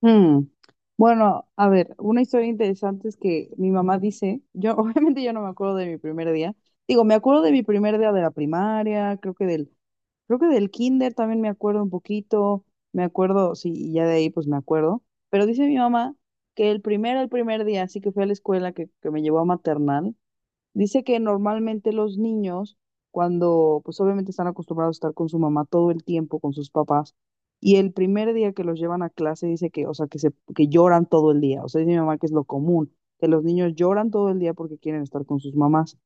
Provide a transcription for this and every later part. Hmm. Bueno, a ver, una historia interesante es que mi mamá dice, yo obviamente yo no me acuerdo de mi primer día. Digo, me acuerdo de mi primer día de la primaria, creo que del kinder también me acuerdo un poquito, me acuerdo, sí, y ya de ahí pues me acuerdo. Pero dice mi mamá que el primer día, así que fui a la escuela que me llevó a maternal. Dice que normalmente los niños, cuando pues obviamente están acostumbrados a estar con su mamá todo el tiempo, con sus papás, y el primer día que los llevan a clase dice que, o sea, que lloran todo el día. O sea, dice mi mamá que es lo común, que los niños lloran todo el día porque quieren estar con sus mamás.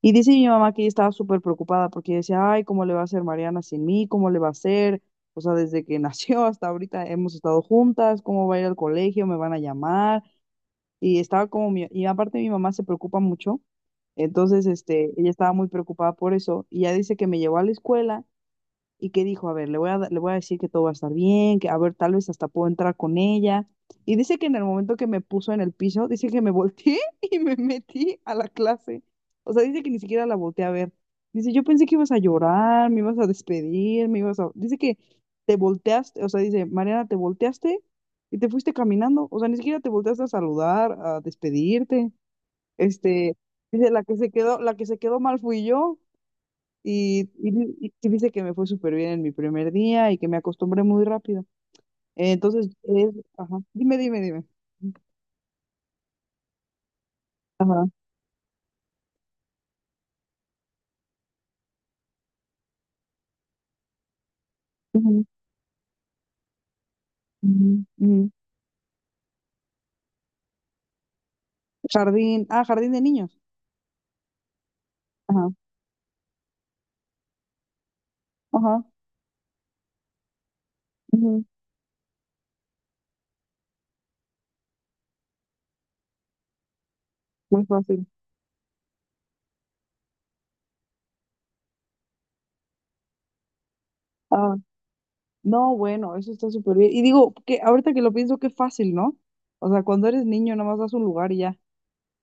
Y dice mi mamá que ella estaba súper preocupada porque ella decía, ay, ¿cómo le va a hacer Mariana sin mí? ¿Cómo le va a hacer? O sea, desde que nació hasta ahorita hemos estado juntas, ¿cómo va a ir al colegio? ¿Me van a llamar? Y estaba y aparte mi mamá se preocupa mucho, entonces ella estaba muy preocupada por eso y ya dice que me llevó a la escuela y que dijo, a ver, le voy a decir que todo va a estar bien, que a ver, tal vez hasta puedo entrar con ella. Y dice que en el momento que me puso en el piso, dice que me volteé y me metí a la clase. O sea, dice que ni siquiera la volteé a ver. Dice, yo pensé que ibas a llorar, me ibas a despedir, Dice que te volteaste, o sea, dice, Mariana, te volteaste y te fuiste caminando. O sea, ni siquiera te volteaste a saludar, a despedirte. Este, Dice, la que se quedó mal fui yo. Y, y, y que dice que me fue súper bien en mi primer día y que me acostumbré muy rápido. Entonces, ajá, dime, dime, dime. Ajá. Ujú, ujú, ujú. Jardín, ah, jardín de niños. Ajá, ajá, ujú. Muy fácil. Ah, no, bueno, eso está súper bien. Y digo, que ahorita que lo pienso, qué fácil, ¿no? O sea, cuando eres niño, nomás vas a un lugar y ya,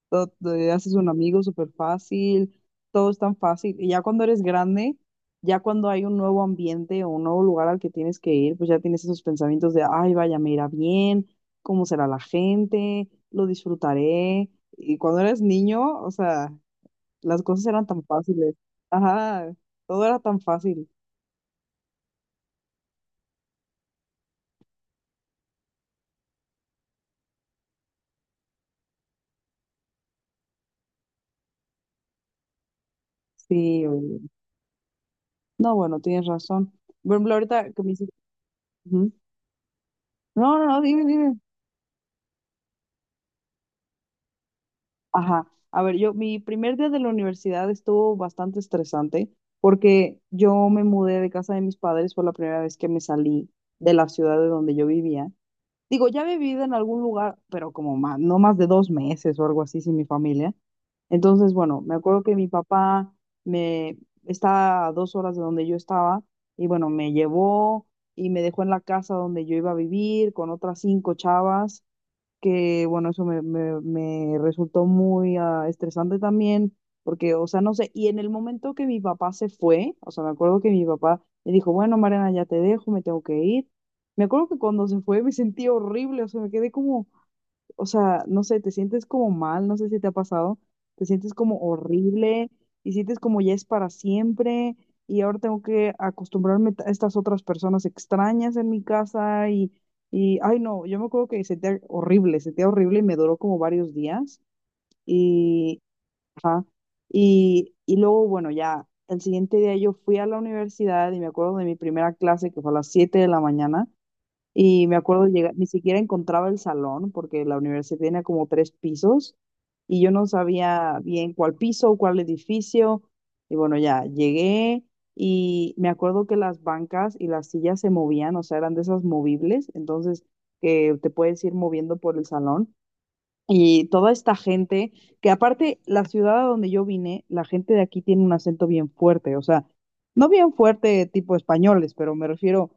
todo, te haces un amigo súper fácil, todo es tan fácil. Y ya cuando eres grande, ya cuando hay un nuevo ambiente o un nuevo lugar al que tienes que ir, pues ya tienes esos pensamientos de, ay, vaya, me irá bien, cómo será la gente, lo disfrutaré. Y cuando eres niño, o sea, las cosas eran tan fáciles. Ajá, todo era tan fácil. Sí, oye, no, bueno, tienes razón. Por ejemplo, ahorita que me dices, ujú. No, no, no, dime, dime. Ajá. A ver, mi primer día de la universidad estuvo bastante estresante porque yo me mudé de casa de mis padres por la primera vez que me salí de la ciudad de donde yo vivía. Digo, ya he vivido en algún lugar, pero como más, no más de 2 meses o algo así sin mi familia. Entonces, bueno, me acuerdo que mi papá me estaba a 2 horas de donde yo estaba y bueno, me llevó y me dejó en la casa donde yo iba a vivir con otras cinco chavas que bueno, eso me resultó muy estresante también, porque, o sea, no sé, y en el momento que mi papá se fue, o sea, me acuerdo que mi papá me dijo, bueno, Mariana, ya te dejo, me tengo que ir. Me acuerdo que cuando se fue me sentí horrible, o sea, me quedé como, o sea, no sé, te sientes como mal, no sé si te ha pasado, te sientes como horrible y sientes como ya es para siempre y ahora tengo que acostumbrarme a estas otras personas extrañas en mi casa y ay no, yo me acuerdo que sentía horrible y me duró como varios días y, ajá, y luego, bueno, ya el siguiente día yo fui a la universidad y me acuerdo de mi primera clase que fue a las 7 de la mañana. Y me acuerdo llegar, ni siquiera encontraba el salón porque la universidad tenía como tres pisos y yo no sabía bien cuál piso, cuál edificio. Y bueno, ya llegué y me acuerdo que las bancas y las sillas se movían, o sea, eran de esas movibles, entonces que te puedes ir moviendo por el salón. Y toda esta gente, que aparte la ciudad a donde yo vine, la gente de aquí tiene un acento bien fuerte, o sea, no bien fuerte tipo españoles, pero me refiero,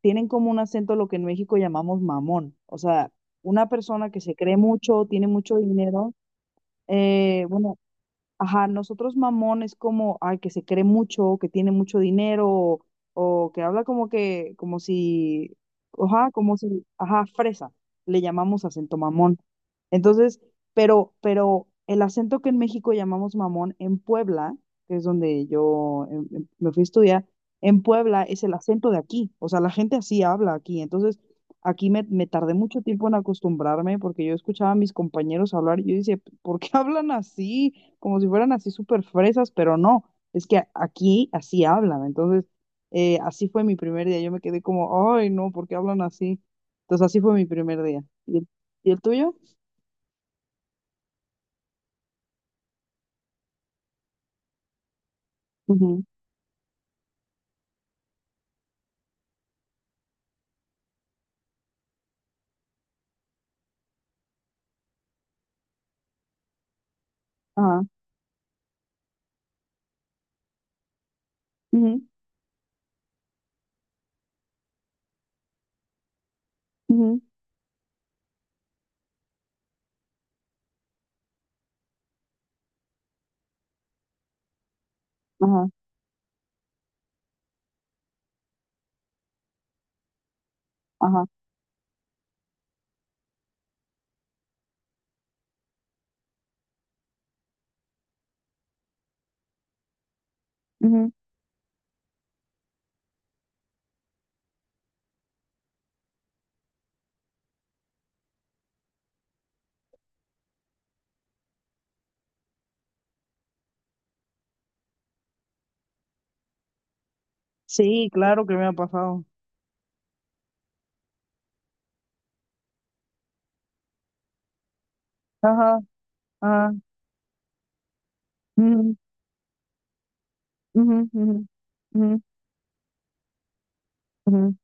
tienen como un acento lo que en México llamamos mamón, o sea, una persona que se cree mucho, tiene mucho dinero, bueno. Ajá, nosotros mamón es como, ay, que se cree mucho, que tiene mucho dinero, o que habla como si, ajá, fresa, le llamamos acento mamón. Entonces, pero el acento que en México llamamos mamón, en Puebla, que es donde yo me fui a estudiar, en Puebla es el acento de aquí, o sea, la gente así habla aquí. Entonces, aquí me tardé mucho tiempo en acostumbrarme porque yo escuchaba a mis compañeros hablar y yo decía, ¿por qué hablan así? Como si fueran así súper fresas, pero no, es que aquí así hablan, entonces así fue mi primer día, yo me quedé como, ay, no, ¿por qué hablan así? Entonces así fue mi primer día. ¿Y el tuyo? Ujú, ajá, ujú, ujú, ajá, ajá, ujú. Sí, claro que me ha pasado. Ajá, ajá, ujú, ujú, ujú, ujú, ujú,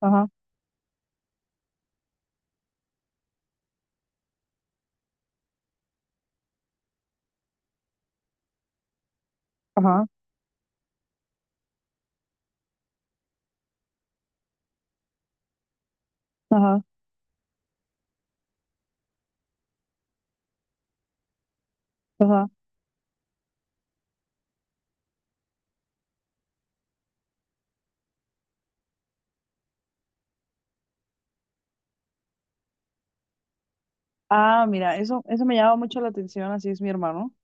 ajá, ajá, ajá, ajá. Ah, mira, eso me llama mucho la atención, así es mi hermano.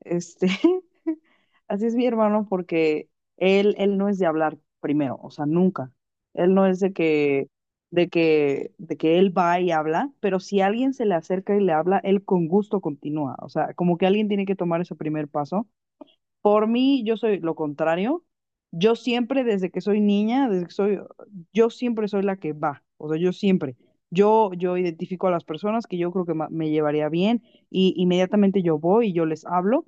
Este, Así es mi hermano porque él no es de hablar primero, o sea, nunca. Él no es de que él va y habla, pero si alguien se le acerca y le habla, él con gusto continúa. O sea, como que alguien tiene que tomar ese primer paso por mí, yo soy lo contrario. Yo siempre, desde que soy niña, yo siempre soy la que va. O sea, yo siempre. Yo identifico a las personas que yo creo que me llevaría bien y inmediatamente yo voy y yo les hablo.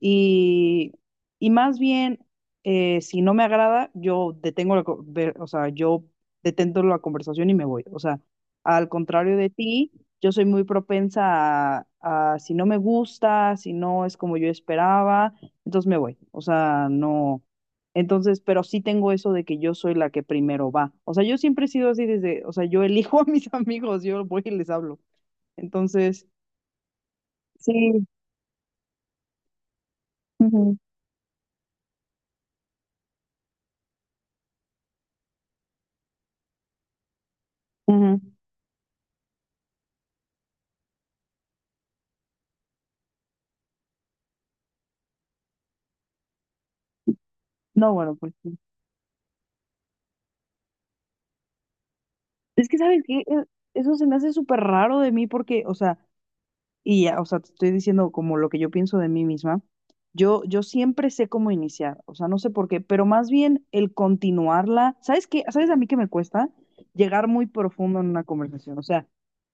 Y, y más bien, si no me agrada, yo detengo o sea, yo detento la conversación y me voy. O sea, al contrario de ti, yo soy muy propensa a si no me gusta, si no es como yo esperaba entonces me voy. O sea, no. Entonces, pero sí tengo eso de que yo soy la que primero va. O sea, yo siempre he sido así desde, o sea, yo elijo a mis amigos, yo voy y les hablo. Entonces, sí. Ujú, ujú. No, bueno, pues sí. Es que, ¿sabes qué? Eso se me hace súper raro de mí porque, o sea, y ya, o sea, te estoy diciendo como lo que yo pienso de mí misma. Yo siempre sé cómo iniciar, o sea, no sé por qué, pero más bien el continuarla. ¿Sabes qué? ¿Sabes a mí que me cuesta? Llegar muy profundo en una conversación, o sea,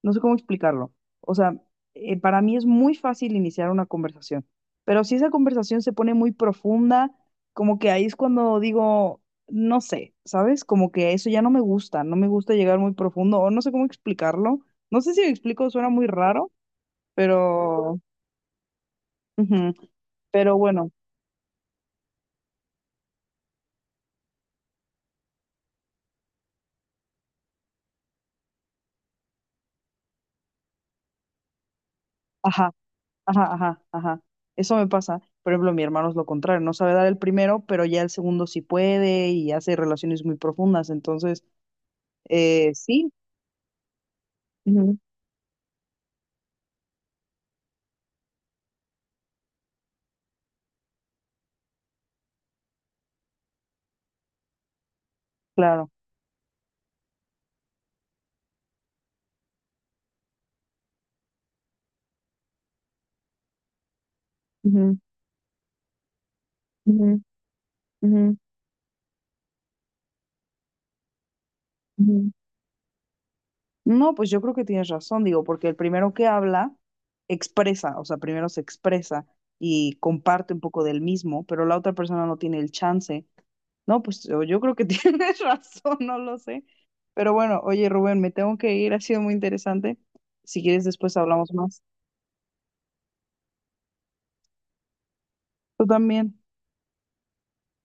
no sé cómo explicarlo. O sea, para mí es muy fácil iniciar una conversación, pero si esa conversación se pone muy profunda, como que ahí es cuando digo, no sé, ¿sabes? Como que eso ya no me gusta, no me gusta llegar muy profundo, o no sé cómo explicarlo. No sé si lo explico, suena muy raro pero, ujú, pero bueno, ajá, ajá, ajá, ajá. Eso me pasa. Por ejemplo, mi hermano es lo contrario, no sabe dar el primero, pero ya el segundo sí puede y hace relaciones muy profundas. Entonces, sí, ujú, claro. Ujú, ujú, ujú, ujú. No, pues yo creo que tienes razón, digo, porque el primero que habla expresa, o sea, primero se expresa y comparte un poco del mismo, pero la otra persona no tiene el chance. No, pues yo creo que tienes razón, no lo sé. Pero bueno, oye Rubén, me tengo que ir, ha sido muy interesante. Si quieres, después hablamos más. Tú también.